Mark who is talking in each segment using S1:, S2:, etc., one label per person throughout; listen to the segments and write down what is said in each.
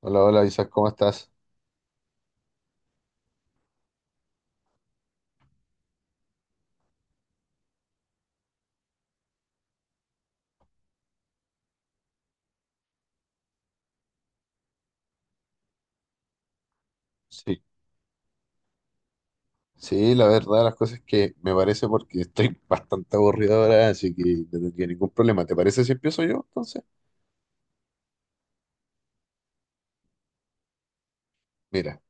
S1: Hola, hola Isaac, ¿cómo estás? Sí, sí, la verdad, de las cosas es que me parece porque estoy bastante aburrido ahora, así que no tendría ningún problema. ¿Te parece si empiezo yo entonces? Mira,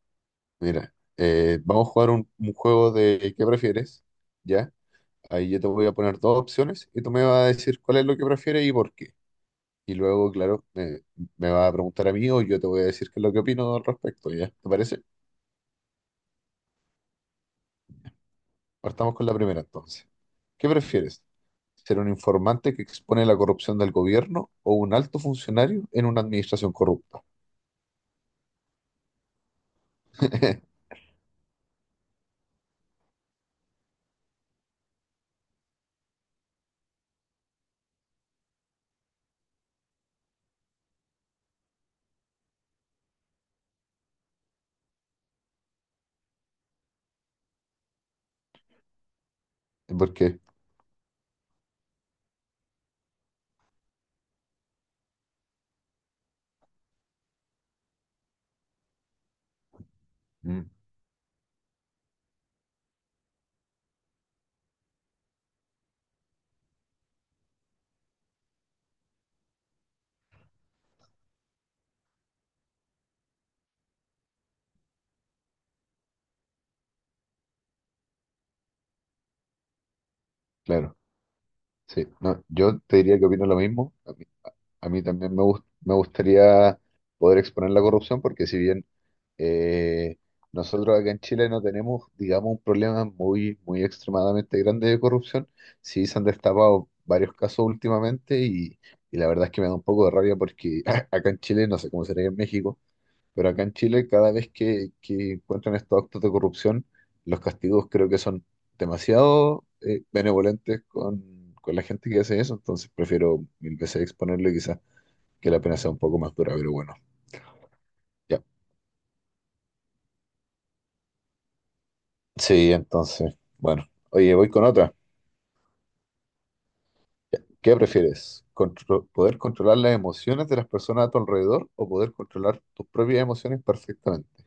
S1: mira, vamos a jugar un juego de ¿qué prefieres? ¿Ya? Ahí yo te voy a poner dos opciones y tú me vas a decir cuál es lo que prefieres y por qué. Y luego, claro, me vas a preguntar a mí o yo te voy a decir qué es lo que opino al respecto, ¿ya? ¿Te parece? Partamos con la primera entonces. ¿Qué prefieres? ¿Ser un informante que expone la corrupción del gobierno o un alto funcionario en una administración corrupta? ¿Por qué? Mm, claro, sí. No, yo te diría que opino lo mismo. A mí también me gustaría poder exponer la corrupción porque si bien eh, nosotros acá en Chile no tenemos, digamos, un problema muy, muy extremadamente grande de corrupción, sí se han destapado varios casos últimamente y la verdad es que me da un poco de rabia porque acá en Chile, no sé cómo será en México, pero acá en Chile cada vez que encuentran estos actos de corrupción, los castigos creo que son demasiado benevolentes con la gente que hace eso, entonces prefiero mil veces exponerlo quizás que la pena sea un poco más dura, pero bueno, ya. Sí, entonces, bueno, oye, voy con otra. ¿Qué prefieres? ¿Poder controlar las emociones de las personas a tu alrededor o poder controlar tus propias emociones perfectamente?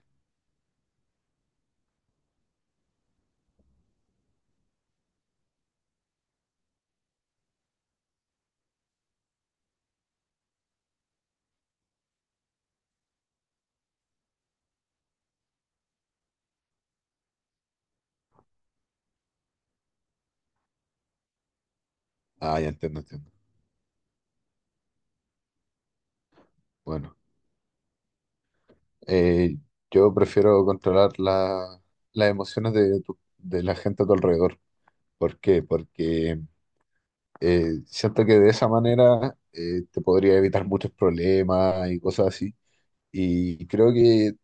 S1: Ah, ya entiendo, entiendo. Bueno, eh, yo prefiero las emociones de la gente a tu alrededor. ¿Por qué? Porque siento que de esa manera te podría evitar muchos problemas y cosas así. Y creo que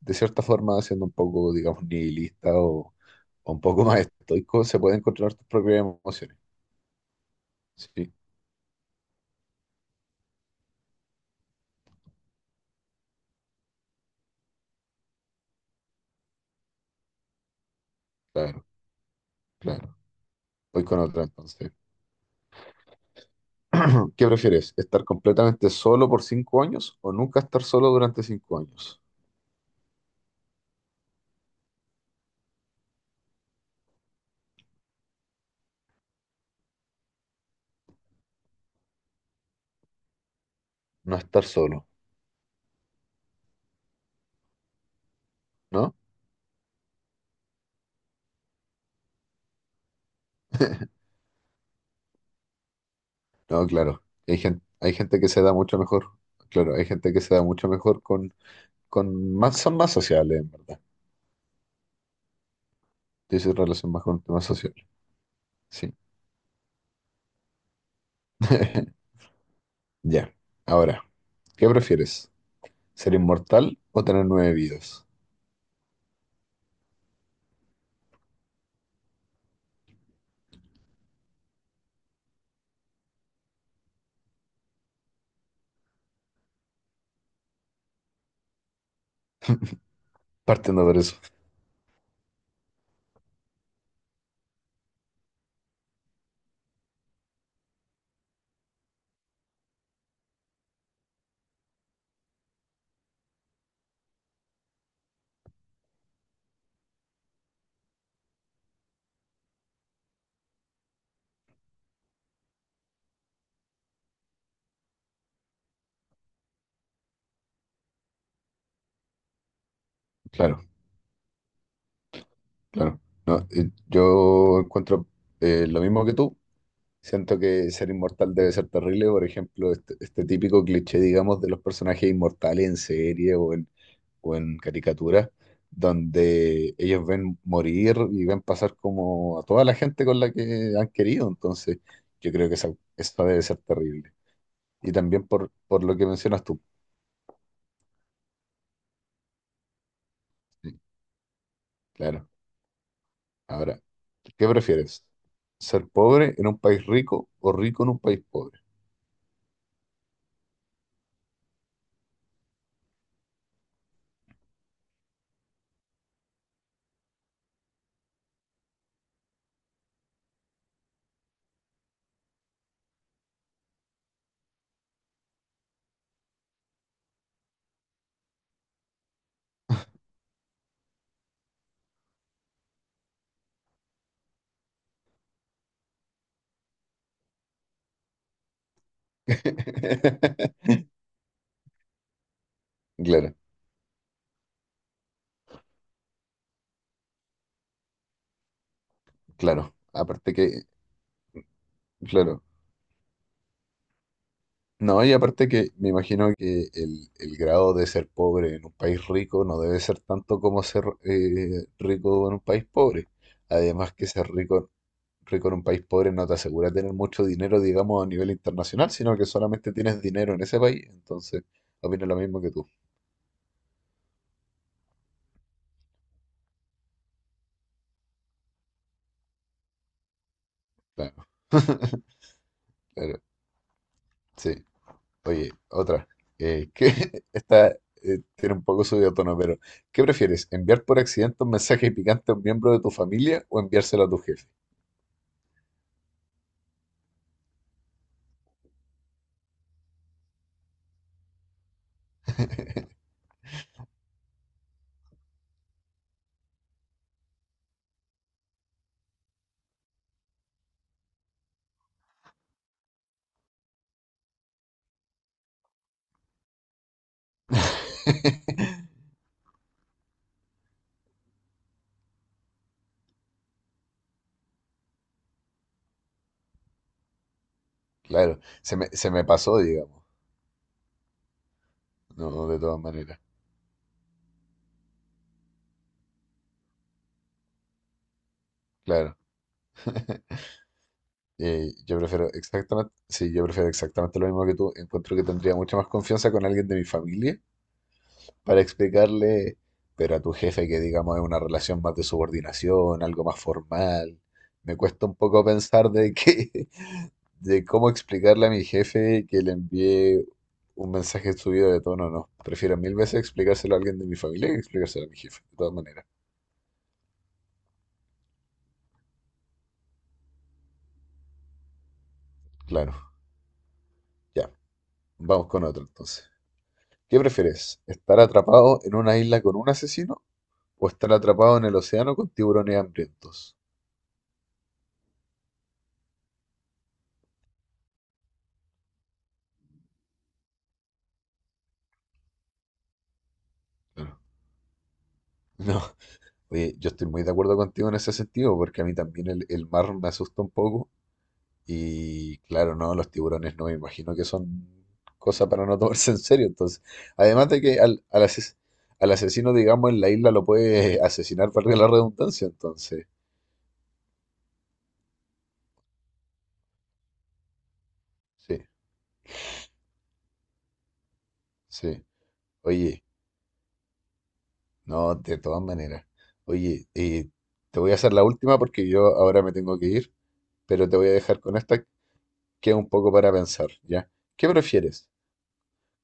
S1: de cierta forma, siendo un poco, digamos, nihilista o un poco más estoico, se pueden controlar tus propias emociones. Sí, claro, claro. Voy con otra entonces. ¿Qué prefieres? ¿Estar completamente solo por 5 años o nunca estar solo durante 5 años? No estar solo, ¿no? No, claro. Hay gente que se da mucho mejor. Claro, hay gente que se da mucho mejor con más, son más sociales, en verdad. Dice relación más con temas sociales. Sí. Ya, ahora, ¿qué prefieres? ¿Ser inmortal o tener 9 vidas? Partiendo por eso, claro, claro. No, yo encuentro lo mismo que tú. Siento que ser inmortal debe ser terrible. Por ejemplo, este típico cliché, digamos, de los personajes inmortales en serie o en caricatura, donde ellos ven morir y ven pasar como a toda la gente con la que han querido. Entonces, yo creo que esa debe ser terrible. Y también por lo que mencionas tú. Sí. Claro. Ahora, ¿qué prefieres? ¿Ser pobre en un país rico o rico en un país pobre? Claro, claro. Aparte que, claro. No, y aparte que me imagino que el grado de ser pobre en un país rico no debe ser tanto como ser rico en un país pobre. Además que rico en un país pobre no te asegura tener mucho dinero, digamos, a nivel internacional, sino que solamente tienes dinero en ese país. Entonces, opino lo mismo que tú. Claro. Claro. Sí, oye, otra. Que esta tiene un poco subido de tono, pero ¿qué prefieres? ¿Enviar por accidente un mensaje picante a un miembro de tu familia o enviárselo a tu jefe? Claro, se me pasó, digamos. No, de todas maneras. Claro. Yo prefiero yo prefiero exactamente lo mismo que tú. Encuentro que tendría mucha más confianza con alguien de mi familia para explicarle, pero a tu jefe que digamos es una relación más de subordinación, algo más formal, me cuesta un poco pensar de que, de cómo explicarle a mi jefe que le envié un mensaje subido de tono, no. Prefiero mil veces explicárselo a alguien de mi familia que explicárselo a mi jefe, de todas maneras. Claro, ya, vamos con otro entonces. ¿Qué prefieres? ¿Estar atrapado en una isla con un asesino o estar atrapado en el océano con tiburones hambrientos? Claro. No, oye, yo estoy muy de acuerdo contigo en ese sentido, porque a mí también el mar me asusta un poco. Y claro, no, los tiburones no me imagino que son cosa para no tomarse en serio. Entonces, además de que al asesino, digamos, en la isla lo puede asesinar, valga la redundancia. Entonces, sí, sí. Oye, no, de todas maneras. Oye, te voy a hacer la última porque yo ahora me tengo que ir, pero te voy a dejar con esta que es un poco para pensar, ¿ya? ¿Qué prefieres?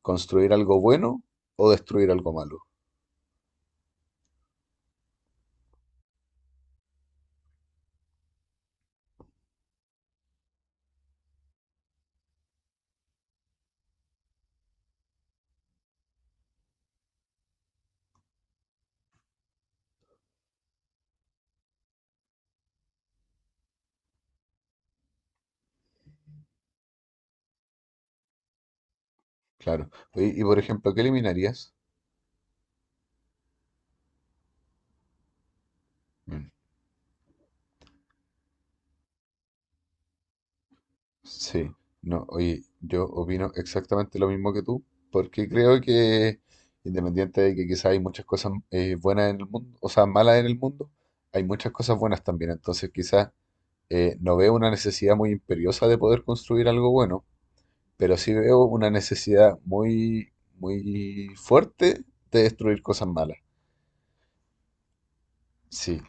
S1: ¿Construir algo bueno o destruir algo malo? Claro. Oye, y por ejemplo, ¿qué eliminarías? Mm, sí, no, oye, yo opino exactamente lo mismo que tú, porque creo que independiente de que quizás hay muchas cosas buenas en el mundo, o sea, malas en el mundo, hay muchas cosas buenas también. Entonces quizás no veo una necesidad muy imperiosa de poder construir algo bueno, pero sí veo una necesidad muy, muy fuerte de destruir cosas malas. Sí,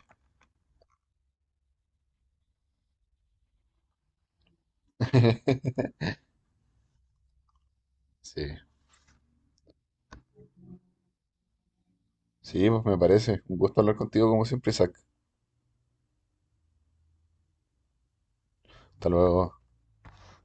S1: sí. Sí, pues me parece. Un gusto hablar contigo como siempre, Isaac. Hasta luego.